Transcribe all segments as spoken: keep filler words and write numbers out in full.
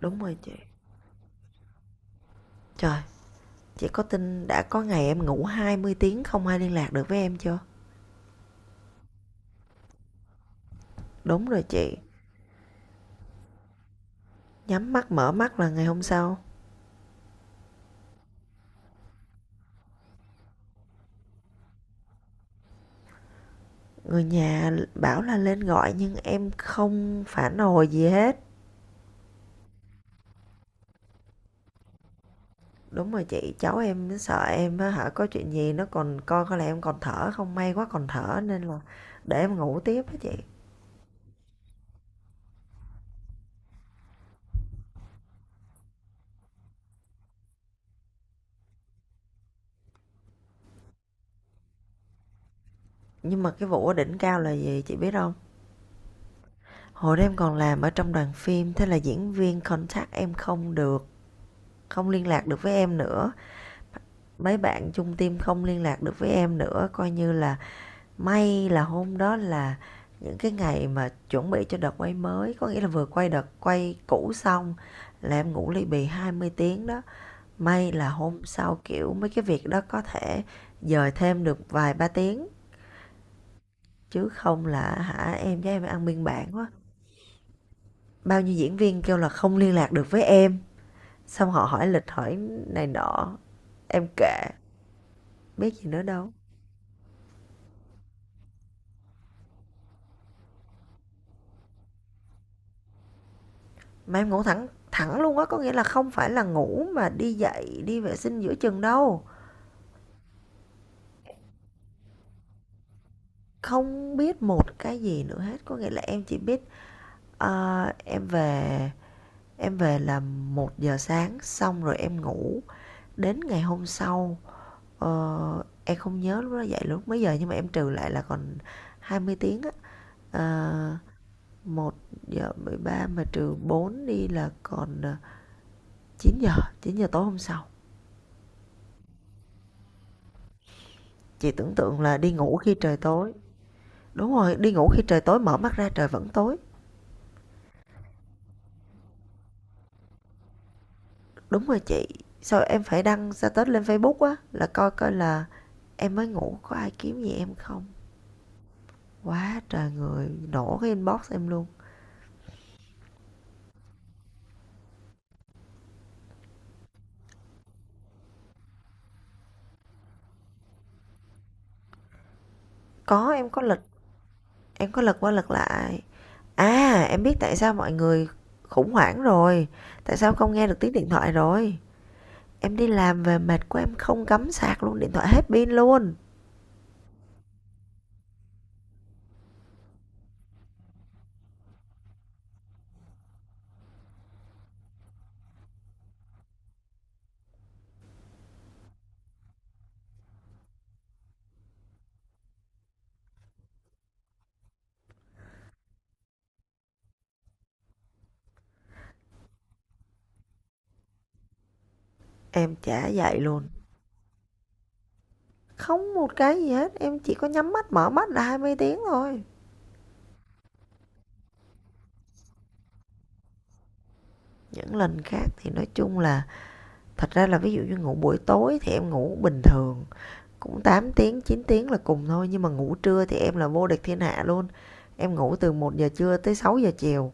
Đúng rồi chị. Trời, chị có tin đã có ngày em ngủ hai mươi tiếng không ai liên lạc được với em chưa? Đúng rồi chị. Nhắm mắt mở mắt là ngày hôm sau. Người nhà bảo là lên gọi nhưng em không phản hồi gì hết. Đúng rồi chị, cháu em nó sợ em á hả, có chuyện gì nó còn coi coi là em còn thở không, may quá còn thở nên là để em ngủ tiếp á chị. Nhưng mà cái vụ ở đỉnh cao là gì chị biết không? Hồi đó em còn làm ở trong đoàn phim, thế là diễn viên contact em không được, không liên lạc được với em nữa, mấy bạn chung team không liên lạc được với em nữa, coi như là may là hôm đó là những cái ngày mà chuẩn bị cho đợt quay mới, có nghĩa là vừa quay đợt quay cũ xong là em ngủ ly bì hai mươi tiếng đó. May là hôm sau kiểu mấy cái việc đó có thể dời thêm được vài ba tiếng, chứ không là hả em với em ăn biên bản quá. Bao nhiêu diễn viên kêu là không liên lạc được với em, xong họ hỏi lịch hỏi này nọ, em kệ, biết gì nữa đâu. Mà em ngủ thẳng thẳng luôn á, có nghĩa là không phải là ngủ mà đi dậy đi vệ sinh giữa chừng đâu, không biết một cái gì nữa hết, có nghĩa là em chỉ biết ờ, em về em về là một giờ sáng xong rồi em ngủ đến ngày hôm sau. ờ, em không nhớ lúc đó dậy lúc mấy giờ, nhưng mà em trừ lại là còn hai mươi tiếng á. Ờ, một giờ mười ba mà trừ bốn đi là còn ờ, chín giờ, chín giờ tối hôm sau. Chị tưởng tượng là đi ngủ khi trời tối. Đúng rồi, đi ngủ khi trời tối mở mắt ra trời vẫn tối. Đúng rồi chị. Sao em phải đăng status lên Facebook á, là coi coi là em mới ngủ có ai kiếm gì em không. Quá trời người nổ cái inbox em luôn. Có, em có lịch, em có lật qua lật lại. À, em biết tại sao mọi người khủng hoảng rồi. Tại sao không nghe được tiếng điện thoại rồi. Em đi làm về mệt của em không cắm sạc luôn, điện thoại hết pin luôn. Em chả dậy luôn. Không một cái gì hết, em chỉ có nhắm mắt mở mắt là hai mươi tiếng thôi. Những lần khác thì nói chung là thật ra là ví dụ như ngủ buổi tối thì em ngủ bình thường cũng tám tiếng chín tiếng là cùng thôi, nhưng mà ngủ trưa thì em là vô địch thiên hạ luôn. Em ngủ từ một giờ trưa tới sáu giờ chiều,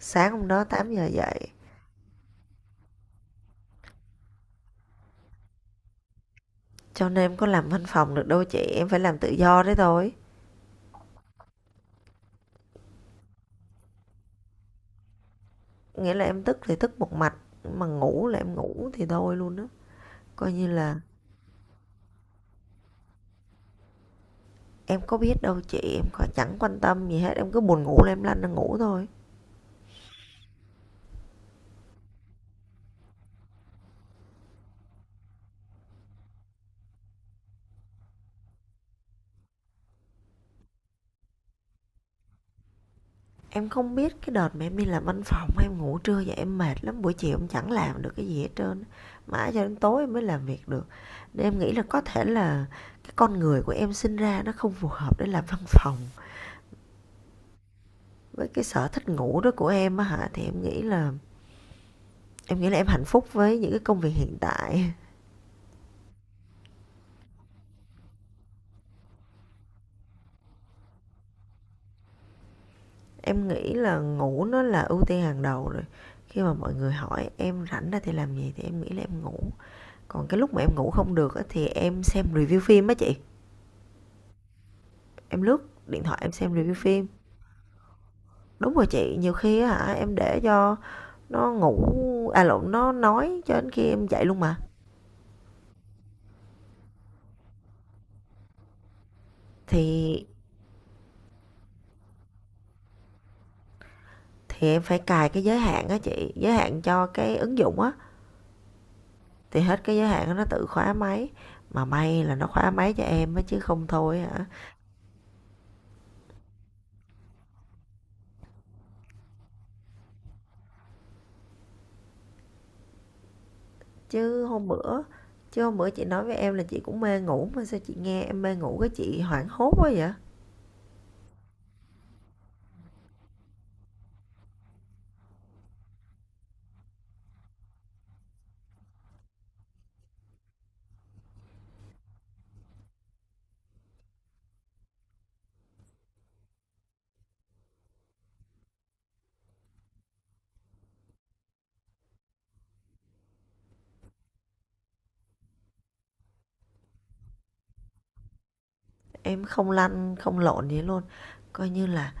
sáng hôm đó tám giờ dậy. Cho nên em có làm văn phòng được đâu chị, em phải làm tự do đấy thôi. Nghĩa là em thức thì thức một mạch, mà ngủ là em ngủ thì thôi luôn đó. Coi như là em có biết đâu chị, em có chẳng quan tâm gì hết, em cứ buồn ngủ là em lăn ra ngủ thôi. Em không biết cái đợt mà em đi làm văn phòng em ngủ trưa vậy em mệt lắm, buổi chiều em chẳng làm được cái gì hết trơn, mãi cho đến tối em mới làm việc được. Nên em nghĩ là có thể là cái con người của em sinh ra nó không phù hợp để làm văn phòng. Với cái sở thích ngủ đó của em á hả, thì em nghĩ là em nghĩ là em hạnh phúc với những cái công việc hiện tại. Em nghĩ là ngủ nó là ưu tiên hàng đầu rồi. Khi mà mọi người hỏi em rảnh ra thì làm gì thì em nghĩ là em ngủ. Còn cái lúc mà em ngủ không được á, thì em xem review phim á chị. Em lướt điện thoại em xem review phim. Đúng rồi chị, nhiều khi hả em để cho nó ngủ, à lộn, nó nói cho đến khi em dậy luôn mà. Thì thì em phải cài cái giới hạn á chị, giới hạn cho cái ứng dụng á, thì hết cái giới hạn nó tự khóa máy. Mà may là nó khóa máy cho em á chứ không thôi hả? Chứ hôm bữa chứ hôm bữa chị nói với em là chị cũng mê ngủ, mà sao chị nghe em mê ngủ cái chị hoảng hốt quá vậy? Em không lăn không lộn gì luôn. Coi như là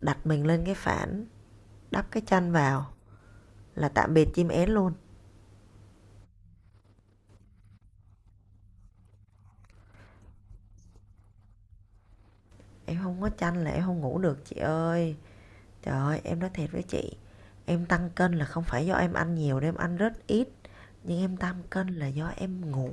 đặt mình lên cái phản, đắp cái chăn vào là tạm biệt chim én luôn. Em không có chăn là em không ngủ được chị ơi. Trời ơi em nói thiệt với chị, em tăng cân là không phải do em ăn nhiều đâu, em ăn rất ít, nhưng em tăng cân là do em ngủ.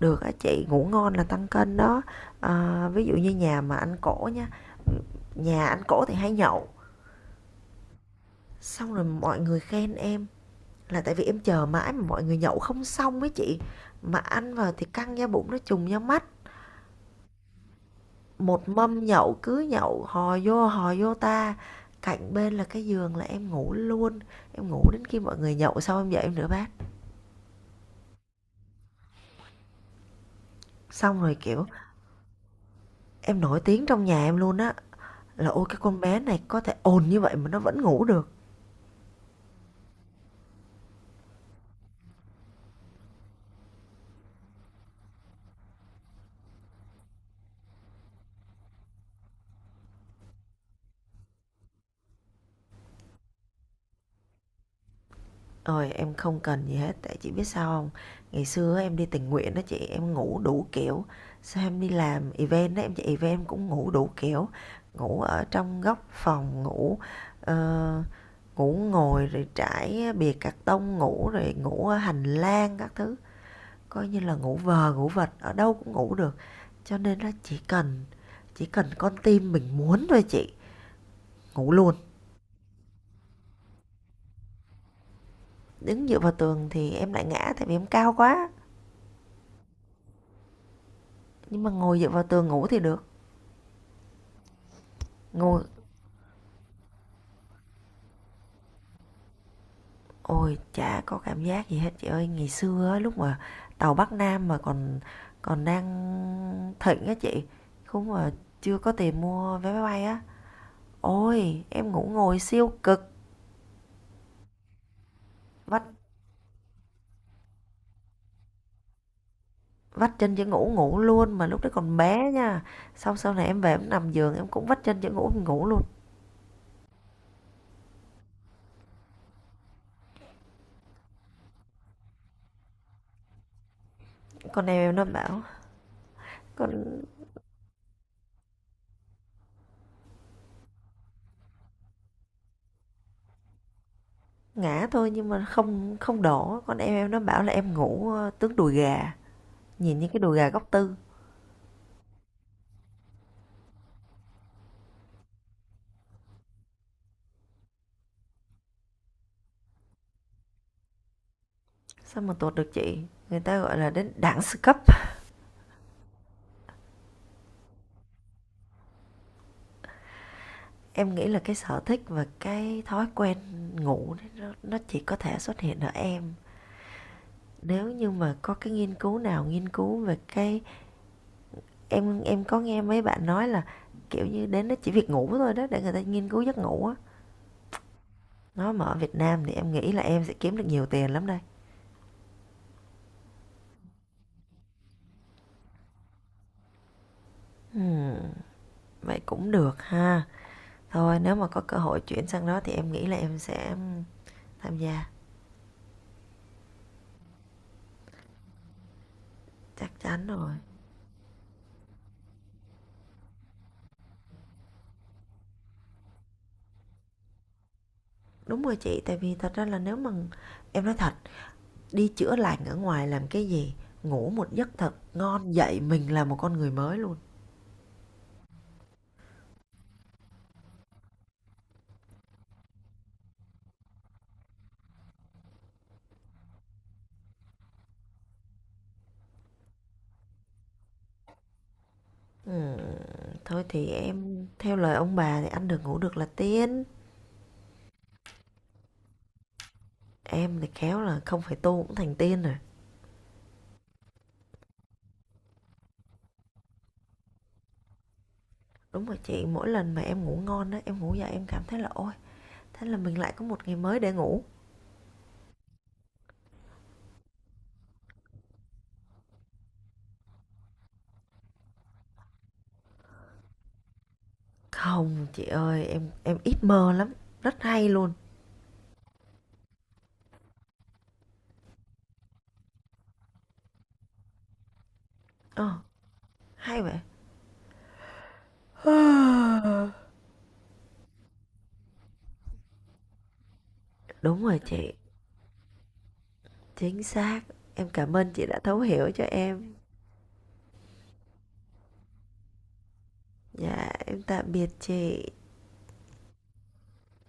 Được á chị, ngủ ngon là tăng cân đó. À, ví dụ như nhà mà anh cỗ nha, nhà anh cỗ thì hay nhậu, xong rồi mọi người khen em là tại vì em chờ mãi mà mọi người nhậu không xong với chị, mà ăn vào thì căng da bụng nó trùng da mắt. Một mâm nhậu cứ nhậu, hò vô hò vô ta, cạnh bên là cái giường là em ngủ luôn, em ngủ đến khi mọi người nhậu xong em dậy em rửa bát. Xong rồi, kiểu, em nổi tiếng trong nhà em luôn á, là "Ôi, cái con bé này có thể ồn như vậy mà nó vẫn ngủ được." Ôi, em không cần gì hết, tại chị biết sao không. Ngày xưa em đi tình nguyện đó chị, em ngủ đủ kiểu, xong em đi làm event đó em chạy event em cũng ngủ đủ kiểu, ngủ ở trong góc phòng, ngủ, ờ, ngủ ngồi rồi trải bìa cạc tông ngủ, rồi ngủ ở hành lang các thứ, coi như là ngủ vờ ngủ vật, ở đâu cũng ngủ được. Cho nên á chỉ cần chỉ cần con tim mình muốn thôi chị, ngủ luôn. Đứng dựa vào tường thì em lại ngã tại vì em cao quá, nhưng mà ngồi dựa vào tường ngủ thì được. Ngồi ôi, chả có cảm giác gì hết chị ơi. Ngày xưa á, lúc mà tàu Bắc Nam mà còn còn đang thịnh á chị, không mà chưa có tiền mua vé máy bay á, ôi, em ngủ ngồi siêu cực, vắt vắt chân chữ ngủ ngủ luôn, mà lúc đấy còn bé nha. Xong sau này em về em nằm giường em cũng vắt chân chữ ngủ em ngủ luôn. Con em em nó bảo con ngã thôi nhưng mà không không đổ, con em em nó bảo là em ngủ tướng đùi gà, nhìn những cái đùi gà góc tư. Sao mà tuột được chị? Người ta gọi là đến đẳng sư cấp. Em nghĩ là cái sở thích và cái thói quen ngủ nó, nó chỉ có thể xuất hiện ở em. Nếu như mà có cái nghiên cứu nào nghiên cứu về cái em em có nghe mấy bạn nói là kiểu như đến đó chỉ việc ngủ thôi đó để người ta nghiên cứu giấc ngủ á. Nó mà ở Việt Nam thì em nghĩ là em sẽ kiếm được nhiều tiền lắm đây. Hmm, vậy cũng được ha. Thôi nếu mà có cơ hội chuyển sang đó thì em nghĩ là em sẽ tham gia, chắc chắn rồi. Đúng rồi chị, tại vì thật ra là nếu mà em nói thật, đi chữa lành ở ngoài làm cái gì, ngủ một giấc thật ngon dậy mình là một con người mới luôn. Ừm, thôi thì em theo lời ông bà thì ăn được ngủ được là tiên. Em thì khéo là không phải tu cũng thành tiên rồi. Đúng rồi chị, mỗi lần mà em ngủ ngon á, em ngủ dậy em cảm thấy là ôi, thế là mình lại có một ngày mới để ngủ. Không chị ơi, em em ít mơ lắm, rất hay luôn. Ờ, hay vậy. Đúng rồi chị, chính xác. Em cảm ơn chị đã thấu hiểu cho em. Dạ em tạm biệt chị